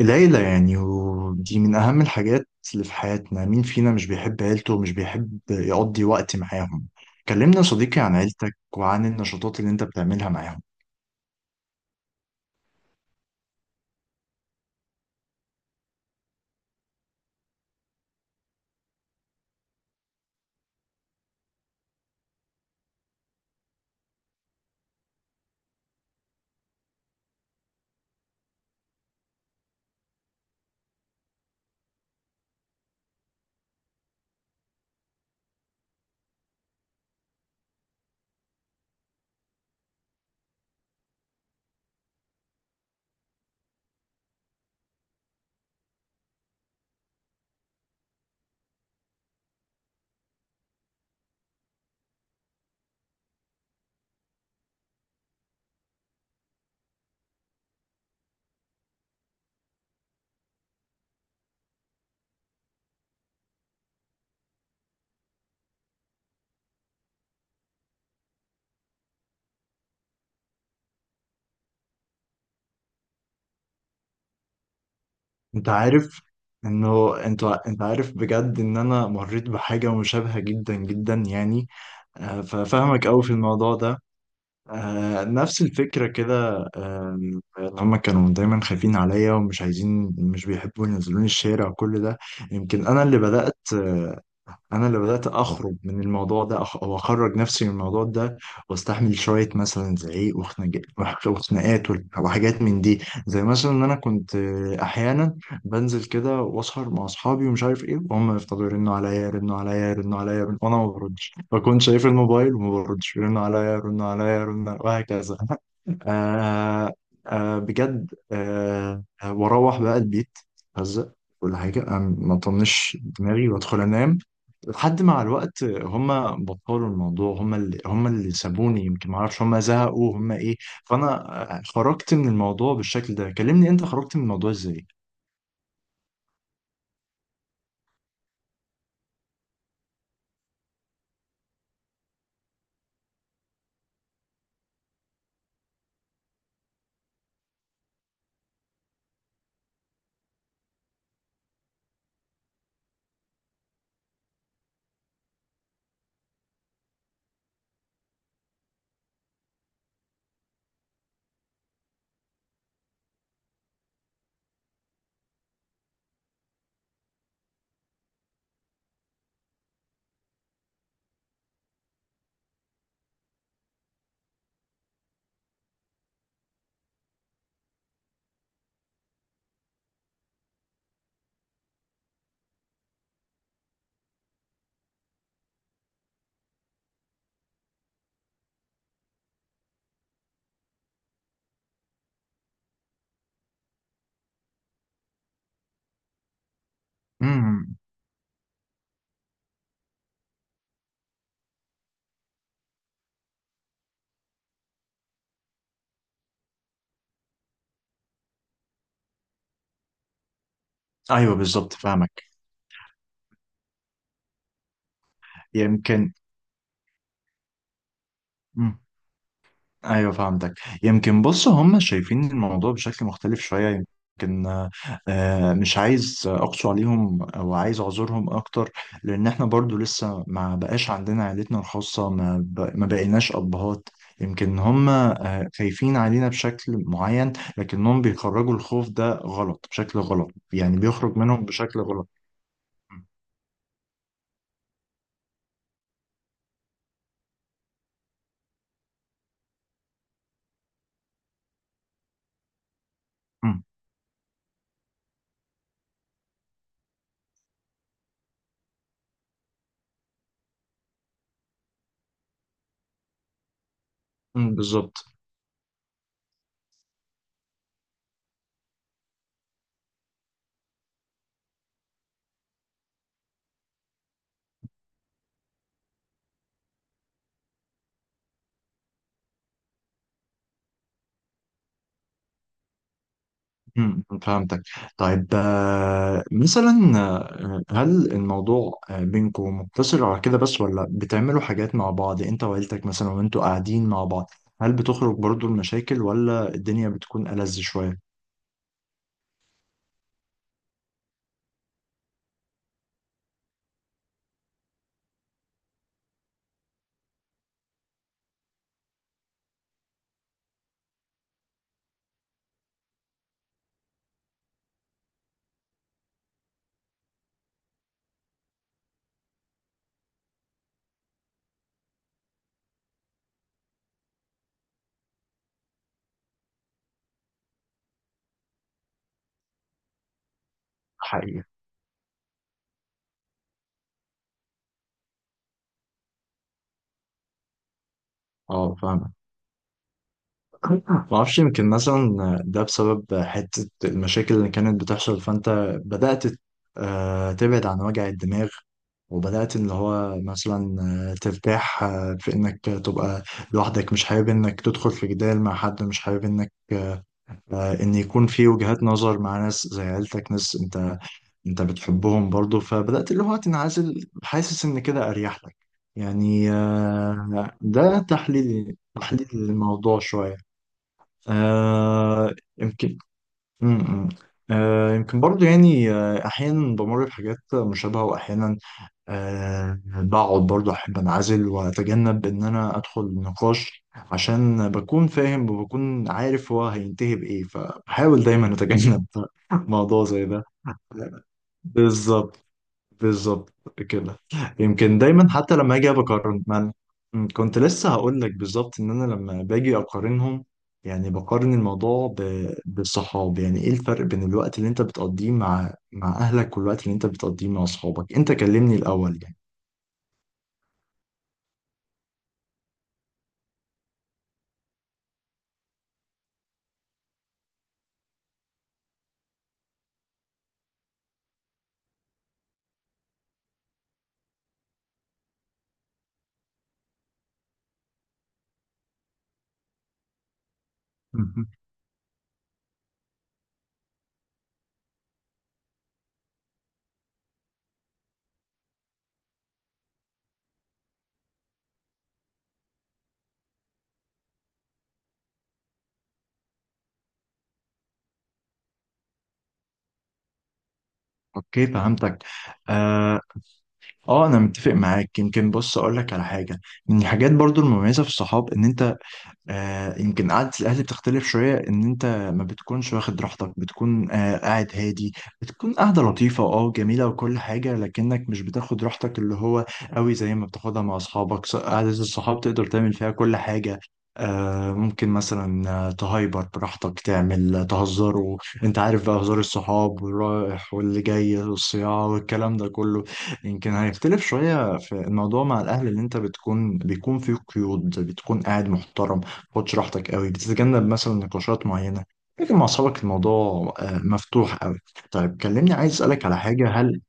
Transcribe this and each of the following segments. العيلة يعني ودي من أهم الحاجات اللي في حياتنا. مين فينا مش بيحب عيلته ومش بيحب يقضي وقت معاهم؟ كلمنا يا صديقي عن عيلتك وعن النشاطات اللي أنت بتعملها معاهم. أنت عارف إنه أنت عارف بجد إن أنا مريت بحاجة مشابهة جدا جدا يعني. ففاهمك أوي في الموضوع ده. نفس الفكرة كده. إن هما كانوا دايما خايفين عليا ومش عايزين، مش بيحبوا ينزلوني الشارع وكل ده. يمكن أنا اللي بدأت انا اللي بدات اخرج من الموضوع ده، أخ- او اخرج نفسي من الموضوع ده واستحمل شويه مثلا زعيق وخناقات وحاجات من دي، زي مثلا ان انا كنت احيانا بنزل كده واسهر مع اصحابي ومش عارف ايه، وهم يفضلوا يرنوا عليا يرنوا عليا يرنوا عليا وانا ما بردش، بكون شايف الموبايل وما بردش، يرنوا عليا يرنوا عليا يرنوا عليا وهكذا. آه بجد واروح بقى البيت هزق ولا حاجه، ما اطنش دماغي وادخل انام، لحد مع الوقت هم بطلوا الموضوع، هم اللي سابوني، يمكن ما اعرفش هم زهقوا هم ايه. فانا خرجت من الموضوع بالشكل ده. كلمني انت خرجت من الموضوع ازاي؟ امم. ايوه، بالظبط، فاهمك. يمكن. ايوه، فهمتك. يمكن بص، هم شايفين الموضوع بشكل مختلف شويه. يمكن مش عايز اقسو عليهم، او عايز اعذرهم اكتر، لان احنا برضو لسه ما بقاش عندنا عيلتنا الخاصه، ما بقيناش ابهات. يمكن هم خايفين علينا بشكل معين، لكنهم بيخرجوا الخوف ده غلط، بشكل غلط، يعني بيخرج منهم بشكل غلط. م- م- م، بالظبط. امم. فهمتك. طيب، مثلا، هل الموضوع بينكم مقتصر على كده بس، ولا بتعملوا حاجات مع بعض انت وعيلتك، مثلا وانتوا قاعدين مع بعض؟ هل بتخرج برضو المشاكل، ولا الدنيا بتكون ألذ شوية؟ حقيقة. اه، فاهمك. ما اعرفش، يمكن مثلا ده بسبب حتة المشاكل اللي كانت بتحصل، فانت بدأت تبعد عن وجع الدماغ، وبدأت اللي هو مثلا ترتاح في انك تبقى لوحدك، مش حابب انك تدخل في جدال مع حد، مش حابب انك ان يكون في وجهات نظر مع ناس زي عيلتك، ناس انت بتحبهم برضو، فبدأت اللي هو تنعزل، حاسس ان كده اريح لك. يعني ده تحليلي، تحليل الموضوع شوية. يمكن. م- م. يمكن برضو يعني، أحيانا بمر بحاجات مشابهة، وأحيانا بقعد برضو، أحب أنعزل وأتجنب إن أنا أدخل نقاش، عشان بكون فاهم وبكون عارف هو هينتهي بإيه، فبحاول دايما أتجنب موضوع زي ده. بالظبط. بالظبط كده. يمكن دايما حتى لما اجي بقارن، ما أنا- م، كنت لسه هقول لك بالظبط، ان انا لما باجي اقارنهم، يعني بقارن الموضوع بالصحاب، يعني ايه الفرق بين الوقت اللي انت بتقضيه مع اهلك، والوقت اللي انت بتقضيه مع اصحابك؟ انت كلمني الاول يعني. مهم. اوكي، فهمتك. اه انا متفق معاك، يمكن بص اقول لك على حاجه. من الحاجات برضو المميزه في الصحاب ان انت، يمكن قعدة الأهل بتختلف شوية، إن أنت ما بتكونش واخد راحتك، بتكون قاعد هادي، بتكون قاعدة لطيفة أه جميلة وكل حاجة، لكنك مش بتاخد راحتك اللي هو قوي زي ما بتاخدها مع أصحابك. قعدة الصحاب تقدر تعمل فيها كل حاجة، ممكن مثلا تهايبر براحتك، تعمل تهزر، وانت عارف بقى هزار الصحاب، والرايح واللي جاي والصياعة والكلام ده كله. يمكن هيختلف شوية في الموضوع مع الأهل، اللي انت بتكون بيكون فيه قيود، بتكون قاعد محترم، خدش راحتك قوي، بتتجنب مثلا نقاشات معينة، لكن مع أصحابك الموضوع مفتوح قوي. طيب كلمني، عايز أسألك على حاجة،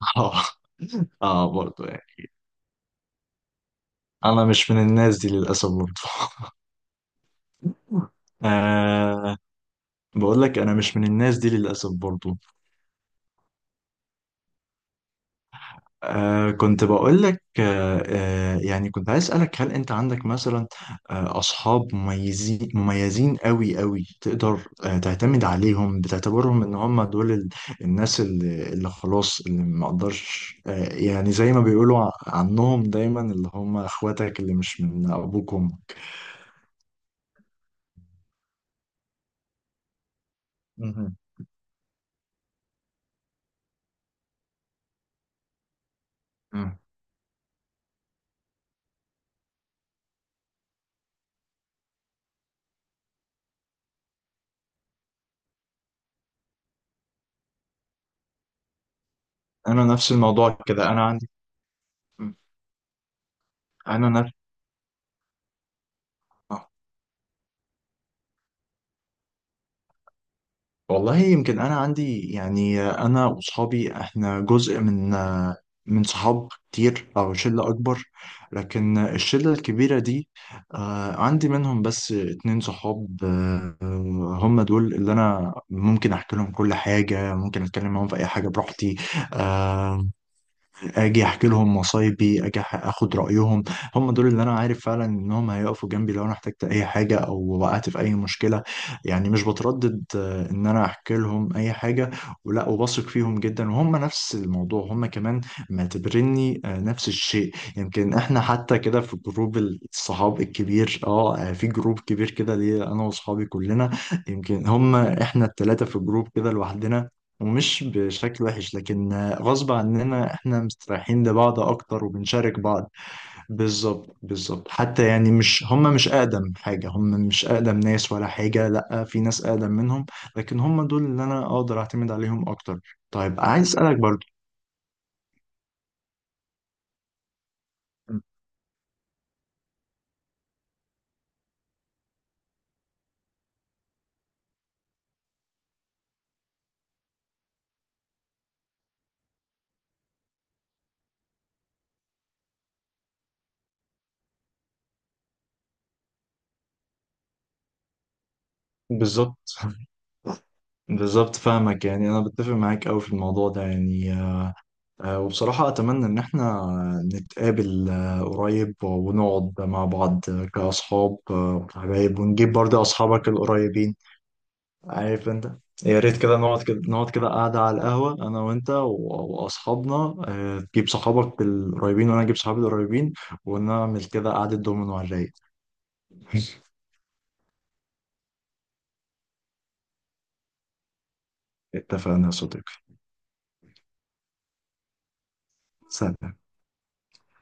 آه برضه يعني، أنا مش من الناس دي للأسف برضه. آه بقول لك، أنا مش من الناس دي للأسف برضه. كنت بقول لك، يعني كنت عايز أسألك، هل أنت عندك مثلا أصحاب مميزين مميزين قوي قوي، تقدر تعتمد عليهم، بتعتبرهم إن هم دول الناس اللي خلاص، اللي ما أقدرش يعني، زي ما بيقولوا عنهم دايما، اللي هم إخواتك اللي مش من أبوك وأمك. مهم. مم. أنا نفس الموضوع كده، أنا عندي. مم. أنا نفس. آه. والله يمكن، انا عندي يعني، انا واصحابي احنا جزء من صحاب كتير، او شله اكبر، لكن الشله الكبيره دي عندي منهم بس اتنين صحاب، هم دول اللي انا ممكن احكي لهم كل حاجه، ممكن اتكلم معاهم في اي حاجه براحتي، آه، اجي احكي لهم مصايبي، اجي اخد رايهم. هم دول اللي انا عارف فعلا انهم هيقفوا جنبي لو انا احتجت اي حاجه، او وقعت في اي مشكله، يعني مش بتردد ان انا احكي لهم اي حاجه ولا، وبثق فيهم جدا، وهم نفس الموضوع، هم كمان معتبريني نفس الشيء. يمكن احنا حتى كده في جروب الصحاب الكبير، اه في جروب كبير كده ليه، انا واصحابي كلنا، يمكن هم احنا الثلاثه في جروب كده لوحدنا، ومش بشكل وحش، لكن غصب عننا احنا مستريحين لبعض اكتر، وبنشارك بعض. بالظبط بالظبط، حتى يعني، مش هم مش اقدم حاجة، هم مش اقدم ناس ولا حاجة، لا في ناس اقدم منهم، لكن هم دول اللي انا اقدر اعتمد عليهم اكتر. طيب عايز اسألك برضو. بالظبط بالظبط فاهمك، يعني انا بتفق معاك قوي في الموضوع ده، يعني وبصراحة أتمنى إن إحنا نتقابل قريب، ونقعد مع بعض كأصحاب وحبايب، ونجيب برضه أصحابك القريبين. عارف أنت، يا ريت كده نقعد، كده نقعد، كده قاعدة على القهوة أنا وأنت وأصحابنا، تجيب صحابك القريبين، وأنا أجيب صحابي القريبين، ونعمل كده قعدة دومينو على الرايق. اتفقنا يا صديقي. سلام.